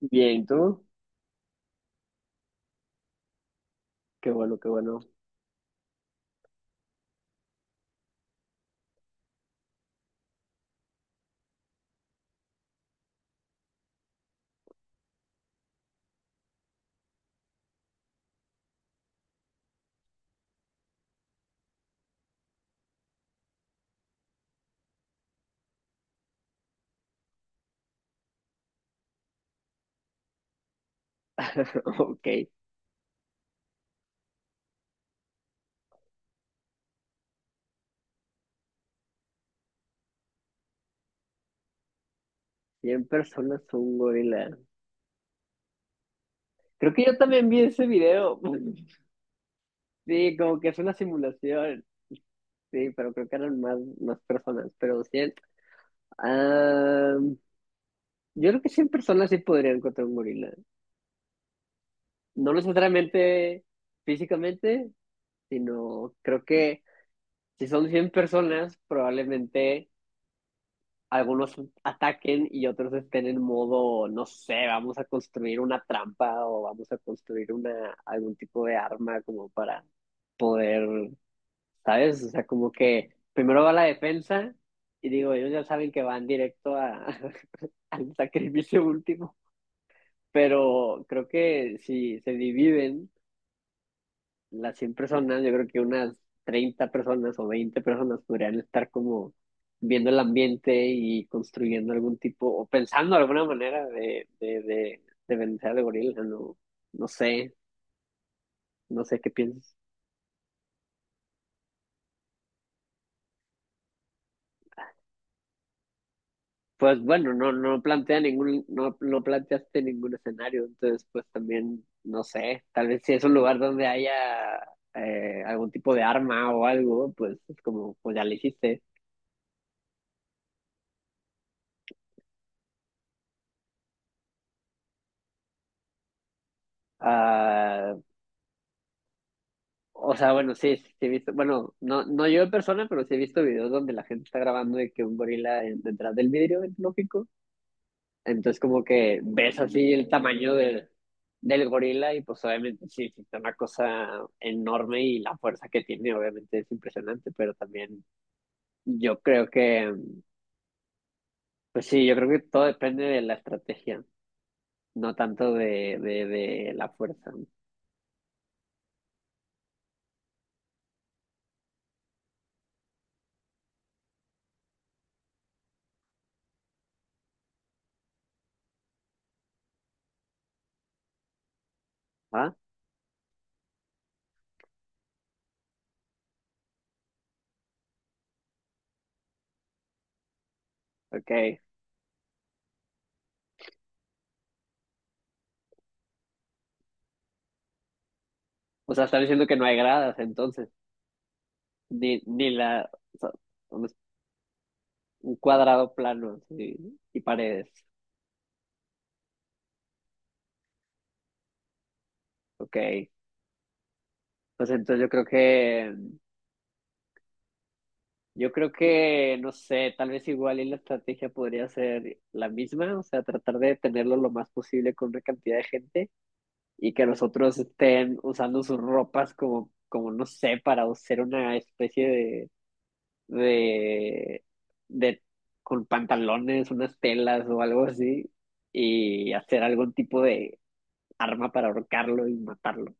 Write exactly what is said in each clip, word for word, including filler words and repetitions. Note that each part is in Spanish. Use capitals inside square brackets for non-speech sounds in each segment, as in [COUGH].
Bien, ¿tú? Qué bueno, qué bueno. [LAUGHS] Ok, cien personas un gorila. Creo que yo también vi ese video. [LAUGHS] Sí, como que es una simulación. Sí, pero creo que eran más, más personas, pero cien. Ah, yo creo que cien personas sí podrían encontrar un gorila. No necesariamente físicamente, sino creo que si son cien personas, probablemente algunos ataquen y otros estén en modo, no sé, vamos a construir una trampa o vamos a construir una, algún tipo de arma como para poder, ¿sabes? O sea, como que primero va la defensa y digo, ellos ya saben que van directo a, [LAUGHS] al sacrificio último, pero creo que si se dividen las cien personas, yo creo que unas treinta personas o veinte personas podrían estar como viendo el ambiente y construyendo algún tipo, o pensando alguna manera de, de, de, de vencer al gorila, no, no sé, no sé qué piensas. Pues bueno, no, no plantea ningún, no, no planteaste ningún escenario, entonces pues también, no sé, tal vez si es un lugar donde haya eh, algún tipo de arma o algo, pues es como, pues ya le hiciste. Ah. O sea, bueno, sí, sí, sí he visto, bueno, no, no yo en persona, pero sí he visto videos donde la gente está grabando de que un gorila en- detrás del vidrio es lógico. Entonces como que ves así el tamaño del, del gorila y pues obviamente sí, sí, es una cosa enorme y la fuerza que tiene obviamente es impresionante, pero también yo creo que, pues sí, yo creo que todo depende de la estrategia, no tanto de, de, de la fuerza. ¿Ah? Ok. O sea, están diciendo que no hay gradas entonces, ni, ni la, o sea, un cuadrado plano sí, y paredes. Ok. Pues entonces yo creo que, yo creo que, no sé, tal vez igual y la estrategia podría ser la misma, o sea, tratar de tenerlo lo más posible con una cantidad de gente y que los otros estén usando sus ropas como, como no sé, para hacer una especie de, de, de, con pantalones, unas telas o algo así y hacer algún tipo de arma para ahorcarlo y matarlo.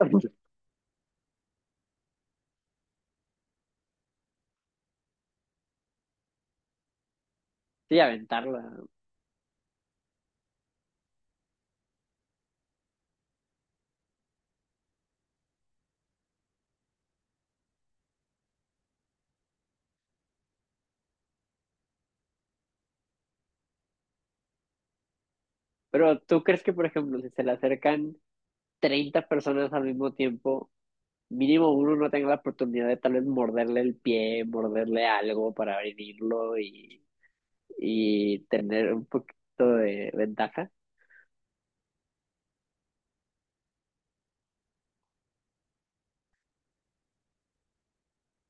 [LAUGHS] Sí, aventarla. Pero ¿tú crees que, por ejemplo, si se le acercan treinta personas al mismo tiempo, mínimo uno no tenga la oportunidad de tal vez morderle el pie, morderle algo para abrirlo y, y tener un poquito de ventaja?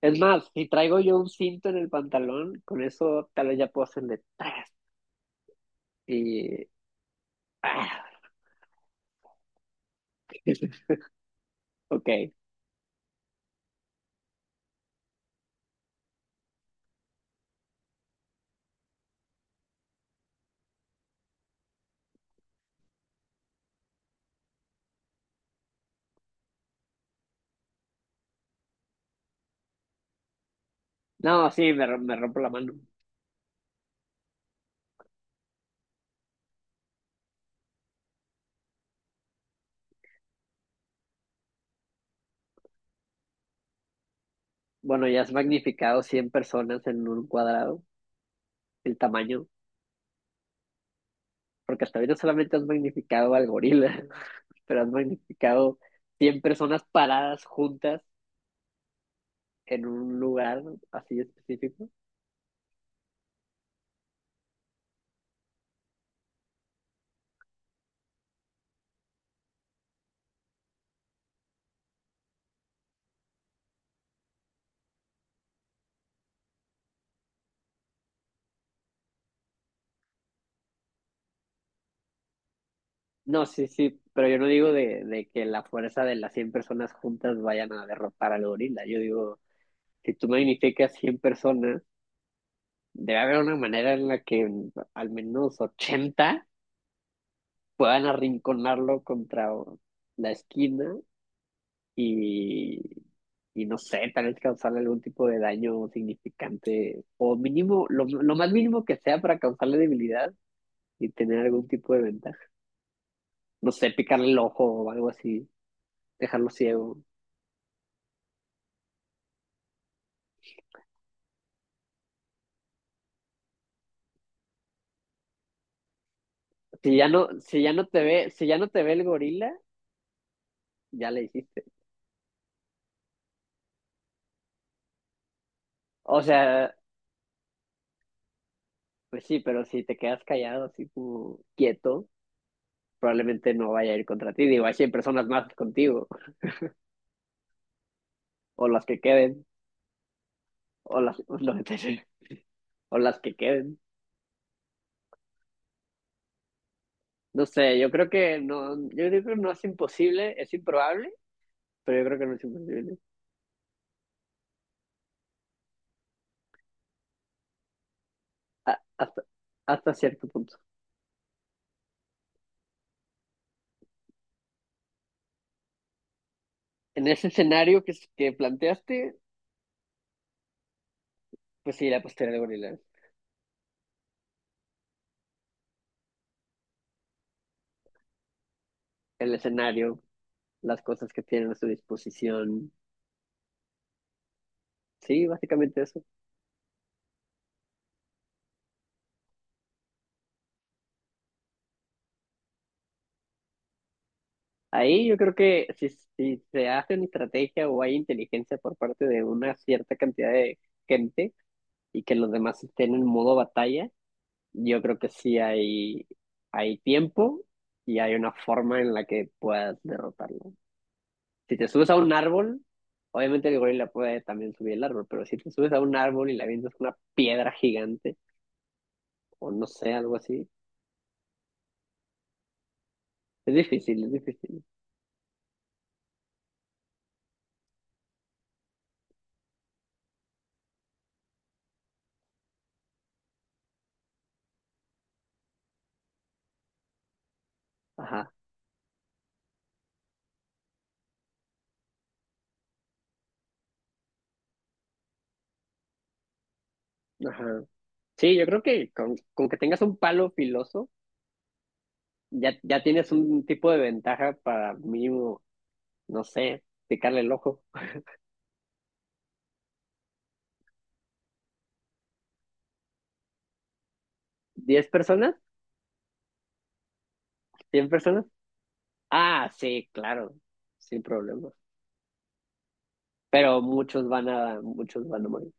Es más, si traigo yo un cinto en el pantalón, con eso tal vez ya puedo hacerle tras y... ¡Ah! [LAUGHS] Ok. No, sí, me, rom- me rompo la mano. Bueno, ya has magnificado cien personas en un cuadrado, el tamaño. Porque hasta ahorita solamente has magnificado al gorila, [LAUGHS] pero has magnificado cien personas paradas juntas en un lugar así específico. No, sí, sí, pero yo no digo de, de que la fuerza de las cien personas juntas vayan a derrotar al gorila. Yo digo, si tú magnificas cien personas, debe haber una manera en la que al menos ochenta puedan arrinconarlo contra la esquina y, y no sé, tal vez causarle algún tipo de daño significante o mínimo, lo, lo más mínimo que sea para causarle debilidad y tener algún tipo de ventaja. No sé, picarle el ojo o algo así, dejarlo ciego. Si ya no, si ya no te ve, si ya no te ve el gorila, ya le hiciste. O sea, pues sí, pero si te quedas callado así como quieto, probablemente no vaya a ir contra ti. Digo, hay cien personas más contigo, o las que queden, o las [LAUGHS] o las que queden. No sé, yo creo que no, yo creo que no es imposible, es improbable, pero yo creo que no es imposible. A- hasta, hasta cierto punto. En ese escenario que, que planteaste, pues sí, la postura de gorila. El escenario, las cosas que tienen a su disposición. Sí, básicamente eso. Ahí yo creo que si, si se hace una estrategia o hay inteligencia por parte de una cierta cantidad de gente y que los demás estén en modo batalla, yo creo que sí hay, hay tiempo y hay una forma en la que puedas derrotarlo. Si te subes a un árbol, obviamente el gorila puede también subir el árbol, pero si te subes a un árbol y le avientas una piedra gigante o no sé, algo así, es difícil, es difícil. Ajá, ajá. Sí, yo creo que con, con que tengas un palo filoso, ya, ya tienes un tipo de ventaja para mínimo, no sé, picarle el ojo. ¿Diez personas? ¿Cien personas? Ah, sí, claro, sin problema. Pero muchos van a, muchos van a morir.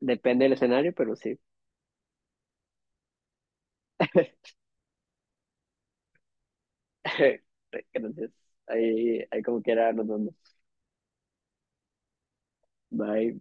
Depende del escenario, pero sí. [LAUGHS] Entonces, ahí, ahí como quiera nos vemos. Bye.